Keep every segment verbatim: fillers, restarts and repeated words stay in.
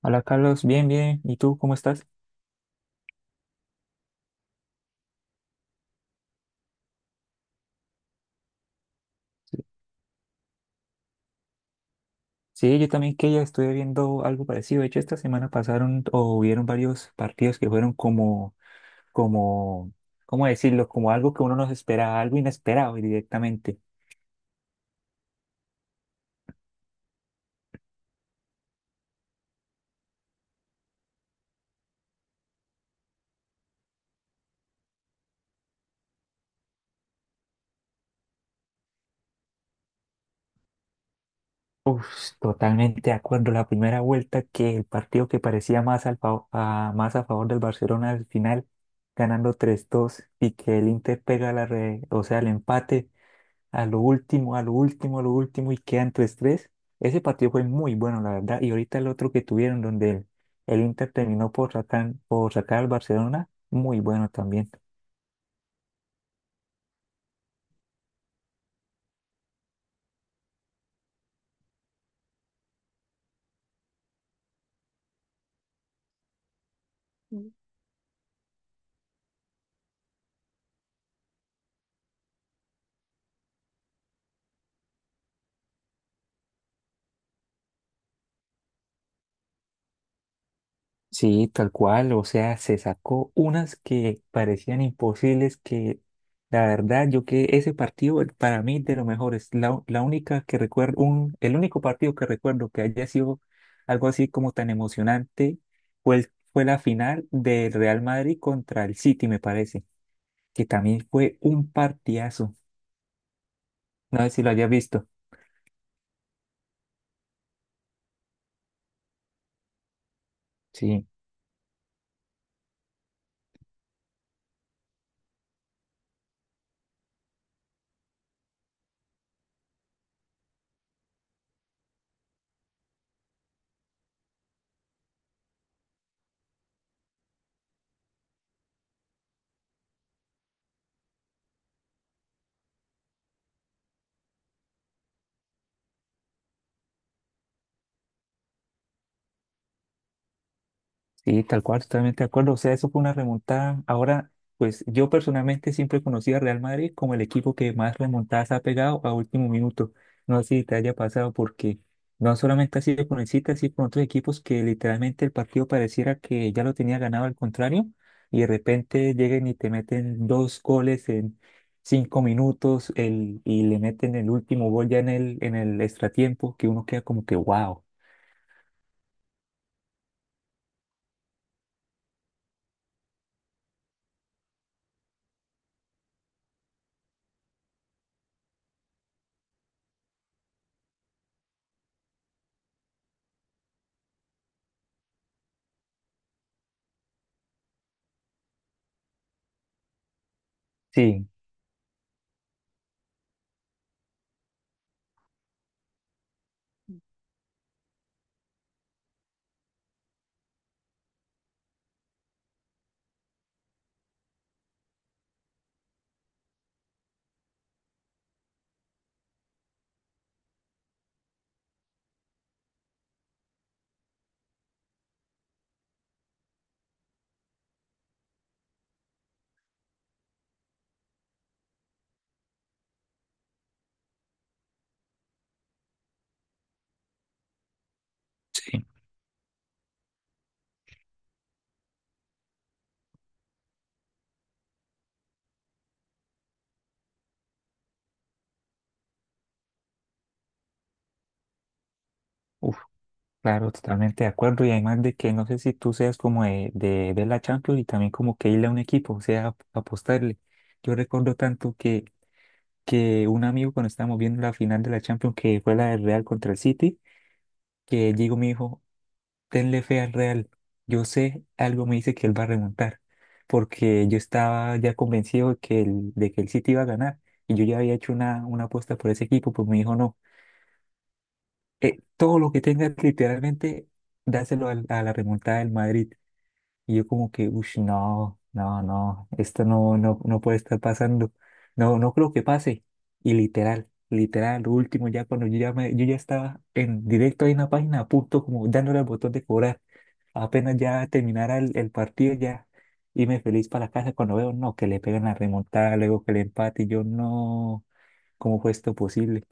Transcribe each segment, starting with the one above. Hola Carlos, bien, bien. ¿Y tú cómo estás? Sí, yo también que ya estuve viendo algo parecido. De hecho, esta semana pasaron o hubieron varios partidos que fueron como, como, ¿cómo decirlo? Como algo que uno no se esperaba, algo inesperado directamente. Uf, totalmente de acuerdo. La primera vuelta que el partido que parecía más, al fav- a, más a favor del Barcelona al final, ganando tres dos y que el Inter pega la re- o sea, el empate a lo último, a lo último, a lo último y quedan tu estrés. Ese partido fue muy bueno, la verdad. Y ahorita el otro que tuvieron, donde el, el Inter terminó por sacar, por sacar al Barcelona, muy bueno también. Sí, tal cual, o sea, se sacó unas que parecían imposibles que la verdad yo que ese partido el- para mí de lo mejor es la, la única que recuerdo, un, el único partido que recuerdo que haya sido algo así como tan emocionante fue, el- fue la final del Real Madrid contra el City, me parece, que también fue un partidazo, no sé si lo hayas visto. Sí. Sí, tal cual, totalmente de acuerdo. O sea, eso fue una remontada. Ahora, pues yo personalmente siempre conocí a Real Madrid como el equipo que más remontadas ha pegado a último minuto. No sé si te haya pasado porque no solamente ha sido con el City, ha sido con otros equipos que literalmente el partido pareciera que ya lo tenía ganado al contrario y de repente llegan y te meten dos goles en cinco minutos el, y le meten el último gol ya en el, en el extratiempo que uno queda como que wow. Sí. Sí. Claro, totalmente de acuerdo. Y además de que no sé si tú seas como de, de ver la Champions y también como que irle a un equipo, o sea, ap- apostarle. Yo recuerdo tanto que, que un amigo cuando estábamos viendo la final de la Champions, que fue la del Real contra el City, que llegó me dijo, tenle fe al Real. Yo sé, algo me dice que él va a remontar, porque yo estaba ya convencido de que el, de que el City iba a ganar. Y yo ya había hecho una, una apuesta por ese equipo, pues me dijo, no, eh, todo lo que tengas literalmente dáselo al- a la remontada del Madrid. Y yo como que, uff, no, no, no, esto no, no, no puede estar pasando. No, no creo que pase. Y literal, literal, lo último, ya cuando yo ya, me- yo ya estaba en directo ahí en la página, a punto como dándole al botón de cobrar. Apenas ya terminara el, el partido, ya irme feliz para la casa cuando veo, no, que le pegan la remontada, luego que el empate, y yo no, ¿cómo fue esto posible?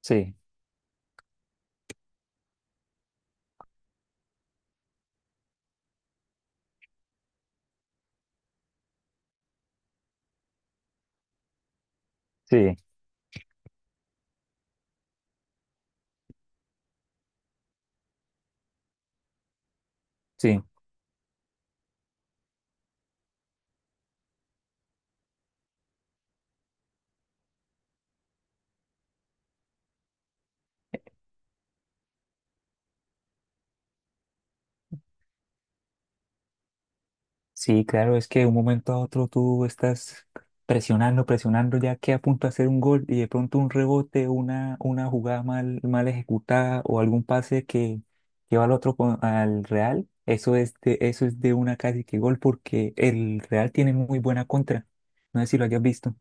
Sí, sí, sí. Sí, claro, es que de un momento a otro tú estás presionando, presionando ya que a punto de hacer un gol y de pronto un rebote, una, una jugada mal, mal ejecutada o algún pase que, lleva al otro con- al Real, eso es de, eso es de una casi que gol porque el Real tiene muy buena contra. No sé si lo hayas visto.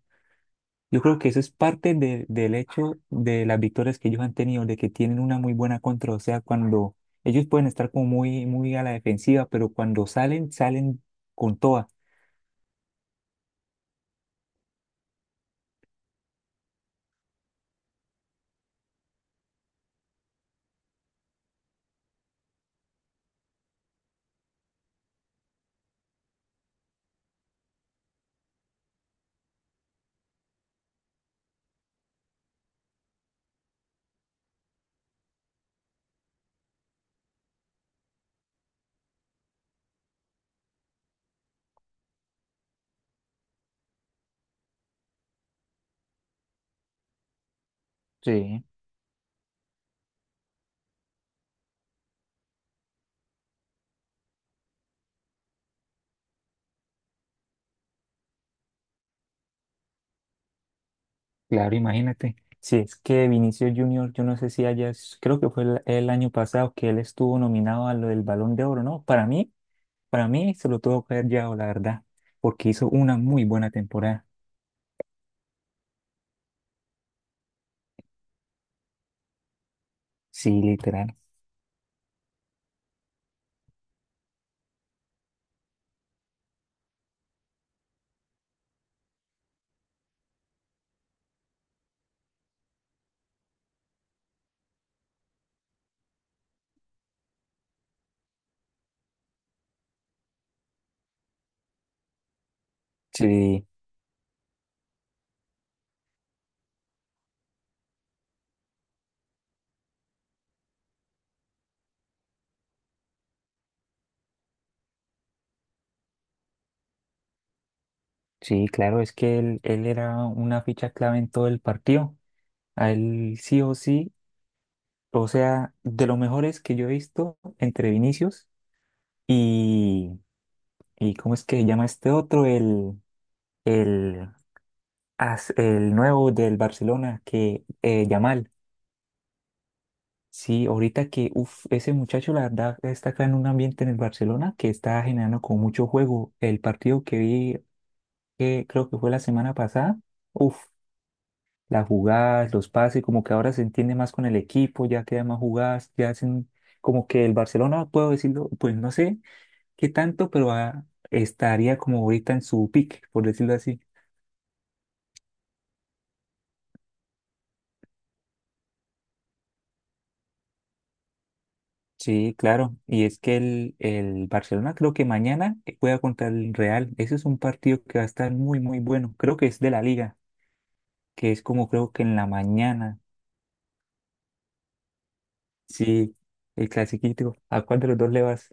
Yo creo que eso es parte de- del hecho de las victorias que ellos han tenido, de que tienen una muy buena contra. O sea, cuando ellos pueden estar como muy, muy a la defensiva, pero cuando salen, salen con toda. Sí, claro, imagínate. Si es que Vinicius Junior, yo no sé si haya, creo que fue el, el año pasado que él estuvo nominado a lo del Balón de Oro, ¿no? Para mí, para mí se lo tuvo que haber llevado, la verdad, porque hizo una muy buena temporada. Sí, literal. Sí, sí, claro, es que él, él era una ficha clave en todo el partido. A él sí o sí, o sea, de los mejores que yo he visto entre Vinicius y, y ¿cómo es que se llama este otro? El, el as- el nuevo del Barcelona, que eh, Yamal. Sí, ahorita que uf, ese muchacho, la verdad, está acá en un ambiente en el Barcelona que está generando con mucho juego. El partido que vi, que creo que fue la semana pasada, uff, las jugadas, los pases, como que ahora se entiende más con el equipo, ya quedan más jugadas, ya hacen como que el Barcelona, puedo decirlo, pues no sé qué tanto, pero ah, estaría como ahorita en su pick, por decirlo así. Sí, claro. Y es que el, el Barcelona creo que mañana juega contra el Real. Ese es un partido que va a estar muy, muy bueno. Creo que es de la Liga, que es como creo que en la mañana. Sí, el clasiquito. ¿A cuál de los dos le vas?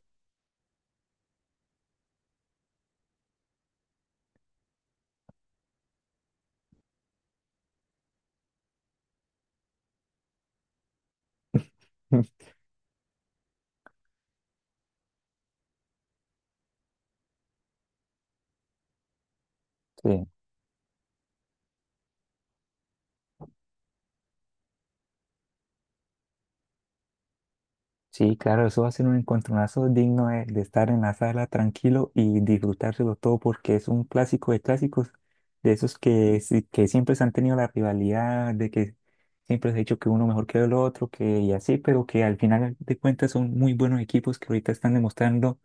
Sí. Sí, claro, eso va a ser un encontronazo digno de, de estar en la sala tranquilo y disfrutárselo todo porque es un clásico de clásicos, de esos que, sí- que siempre se han tenido la rivalidad, de que siempre se ha dicho que uno mejor que el otro, que y así, pero que al final de cuentas son muy buenos equipos que ahorita están demostrando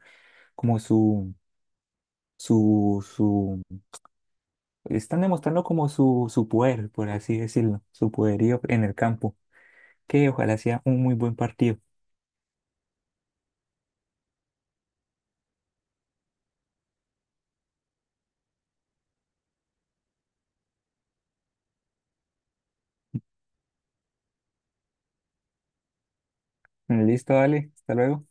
como su, su, su, están demostrando como su, su poder, por así decirlo, su poderío en el campo, que ojalá sea un muy buen partido. Listo, dale, hasta luego.